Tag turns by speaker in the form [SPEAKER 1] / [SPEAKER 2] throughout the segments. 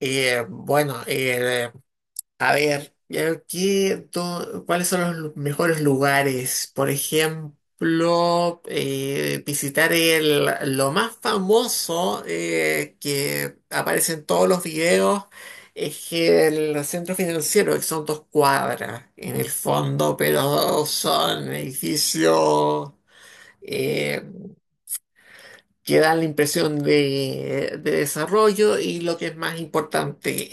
[SPEAKER 1] Bueno, a ver, ¿qué, cuáles son los mejores lugares? Por ejemplo, visitar el, lo más famoso que aparece en todos los videos es el centro financiero, que son dos cuadras en el fondo, pero son edificios eh, que dan la impresión de desarrollo, y lo que es más importante,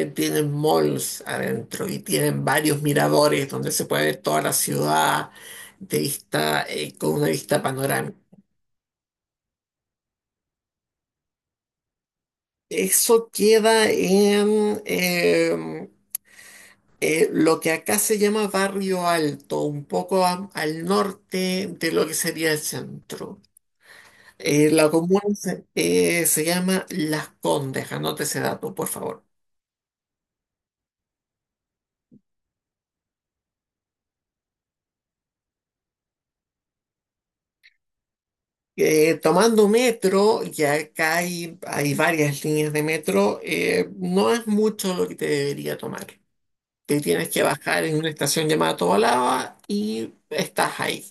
[SPEAKER 1] tienen malls adentro y tienen varios miradores donde se puede ver toda la ciudad de vista, con una vista panorámica. Eso queda en lo que acá se llama Barrio Alto, un poco al norte de lo que sería el centro. La comuna se, se llama Las Condes, anótese ese dato, por favor. Tomando metro, y acá hay varias líneas de metro, no es mucho lo que te debería tomar. Te tienes que bajar en una estación llamada Tobalaba y estás ahí.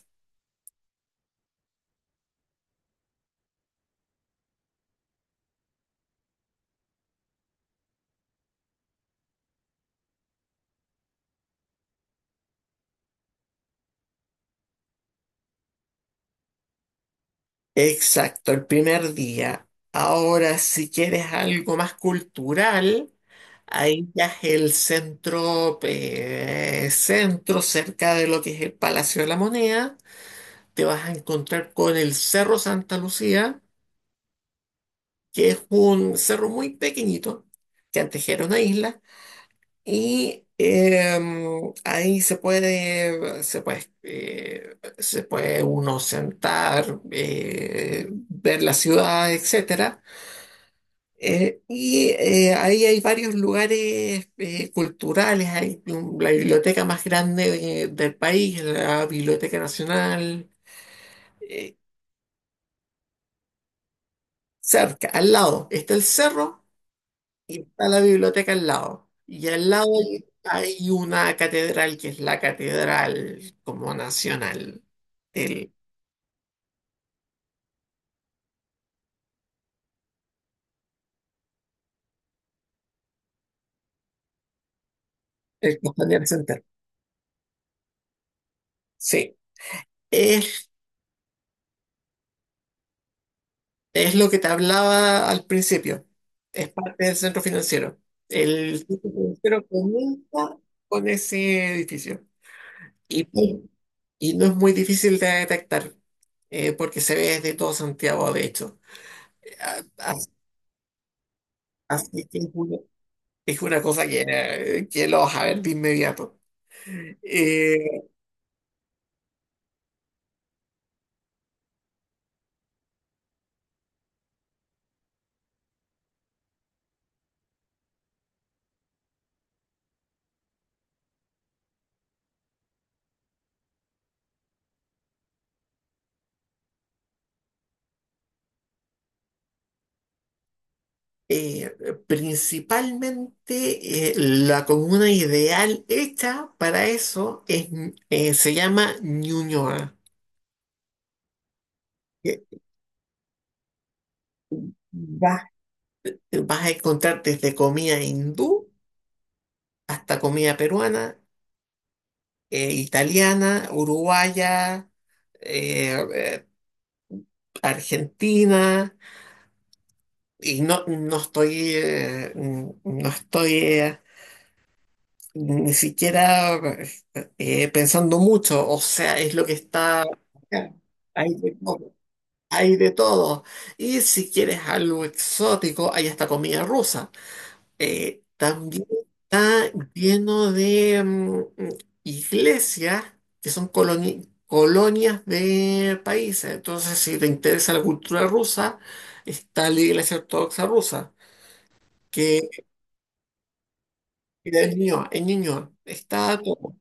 [SPEAKER 1] Exacto, el primer día. Ahora, si quieres algo más cultural, ahí ya es el centro, centro cerca de lo que es el Palacio de la Moneda. Te vas a encontrar con el Cerro Santa Lucía, que es un cerro muy pequeñito, que antes era una isla, y ahí se puede uno sentar, ver la ciudad, etcétera. Ahí hay varios lugares culturales, hay la biblioteca más grande del país, la Biblioteca Nacional. eh, Cerca, al lado, está el cerro. Y está la biblioteca al lado. Y al lado hay, hay una catedral que es la catedral como nacional, el, el Costanera Center. Sí, es, es lo que te hablaba al principio. Es parte del centro financiero. El centro financiero comienza con ese edificio. Y, pum, y no es muy difícil de detectar, porque se ve desde todo Santiago, de hecho. A- a- Así que es una, es una cosa que lo vas a ver de inmediato. Eh, eh, Principalmente, la comuna ideal hecha para eso es, se llama Ñuñoa. Eh, Vas, vas a encontrar desde comida hindú hasta comida peruana, italiana, uruguaya, eh, eh, argentina. Y no, no estoy, no estoy, ni siquiera pensando mucho, o sea, es lo que está acá. Hay de todo, hay de todo. Y si quieres algo exótico, hay hasta comida rusa. También está lleno de iglesias que son colonias de países. Entonces, si te interesa la cultura rusa, está la iglesia ortodoxa rusa, que es Ñuñoa, en Ñuñoa. Está todo.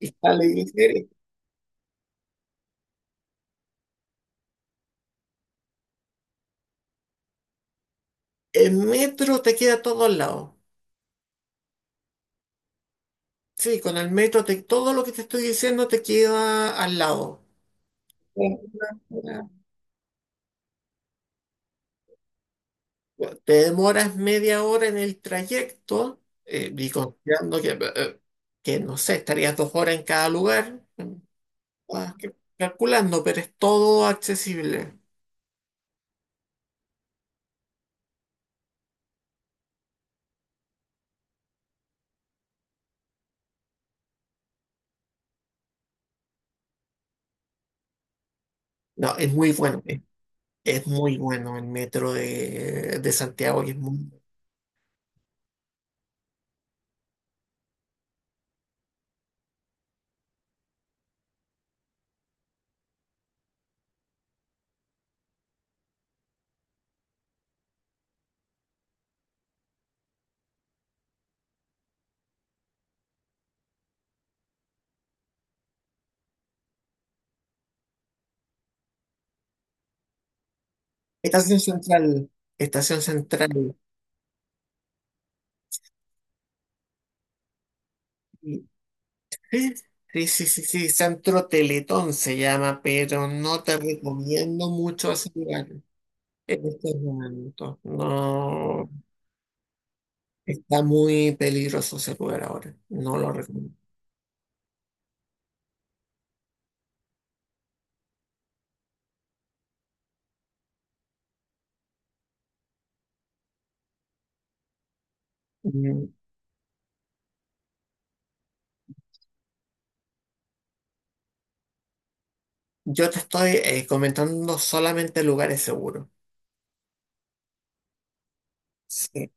[SPEAKER 1] Está la iglesia. El metro te queda todo al lado. Sí, con el metro todo lo que te estoy diciendo te queda al lado. Sí. Te demoras media hora en el trayecto, y considerando que, no sé, estarías dos horas en cada lugar, calculando, pero es todo accesible. No, es muy bueno el metro de Santiago, que es muy... Estación Central, Estación Central. Sí, sí, sí, sí, sí, Centro Teletón se llama, pero no te recomiendo mucho ese lugar en estos momentos. No, está muy peligroso ese lugar ahora, no lo recomiendo. Mm, yo te estoy comentando solamente lugares seguros. Sí.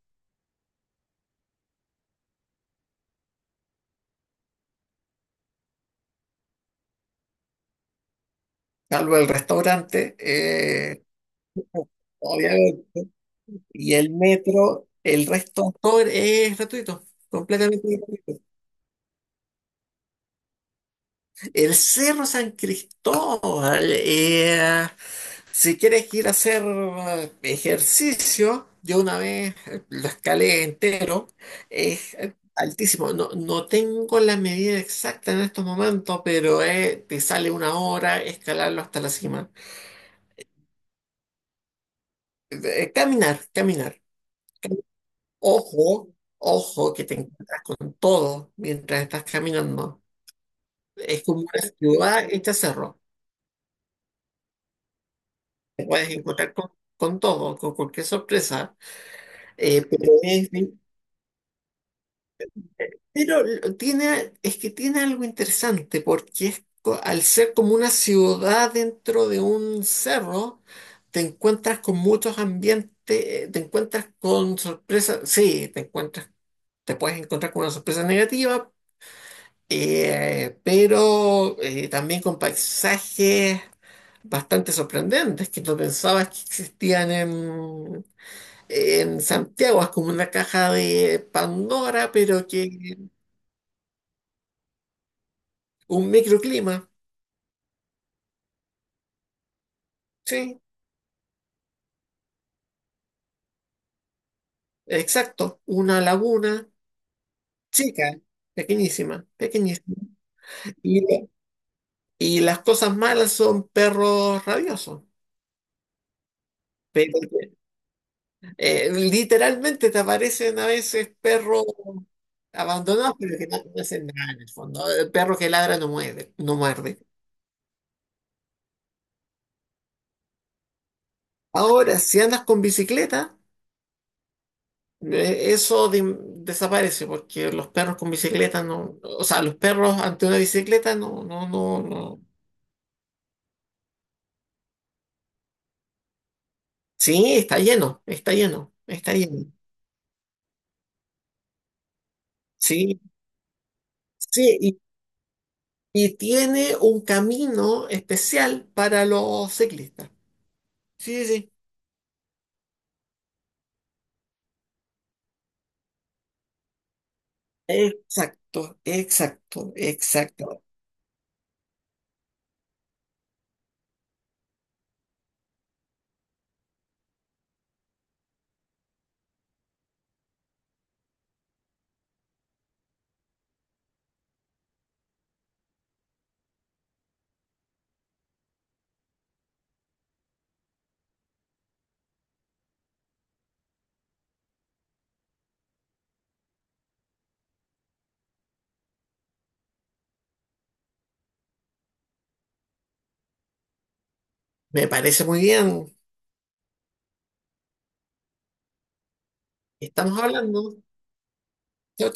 [SPEAKER 1] Salvo el restaurante, obviamente, y el metro, el resto todo es gratuito, completamente gratuito. El Cerro San Cristóbal, si quieres ir a hacer ejercicio, yo una vez lo escalé entero, es altísimo. No, no tengo la medida exacta en estos momentos, pero te sale una hora escalarlo hasta la cima. Caminar, caminar. Ojo, ojo, que te encuentran todo mientras estás caminando. Es como una ciudad hecha cerro. Te puedes encontrar con todo, con cualquier sorpresa. Eh, pero es, Pero tiene, es que tiene algo interesante porque es al ser como una ciudad dentro de un cerro, te encuentras con muchos ambientes, te encuentras con sorpresas, sí, te encuentras, te puedes encontrar con una sorpresa negativa, pero también con paisajes bastante sorprendentes que no pensabas que existían en Santiago. Es como una caja de Pandora, pero que un microclima. Sí, exacto. Una laguna chica, pequeñísima, pequeñísima. Y, y las cosas malas son perros rabiosos. Pero literalmente te aparecen a veces perros abandonados, pero que no, no hacen nada en el fondo. El perro que ladra no muerde, no muerde. Ahora, si andas con bicicleta, eh, eso de- desaparece, porque los perros con bicicleta no, o sea, los perros ante una bicicleta no, no, no, no. Sí, está lleno, está lleno, está lleno. Sí, sí, y tiene un camino especial para los ciclistas. Sí, sí, sí. Exacto, exacto, exacto. Me parece muy bien. Estamos hablando. Chao,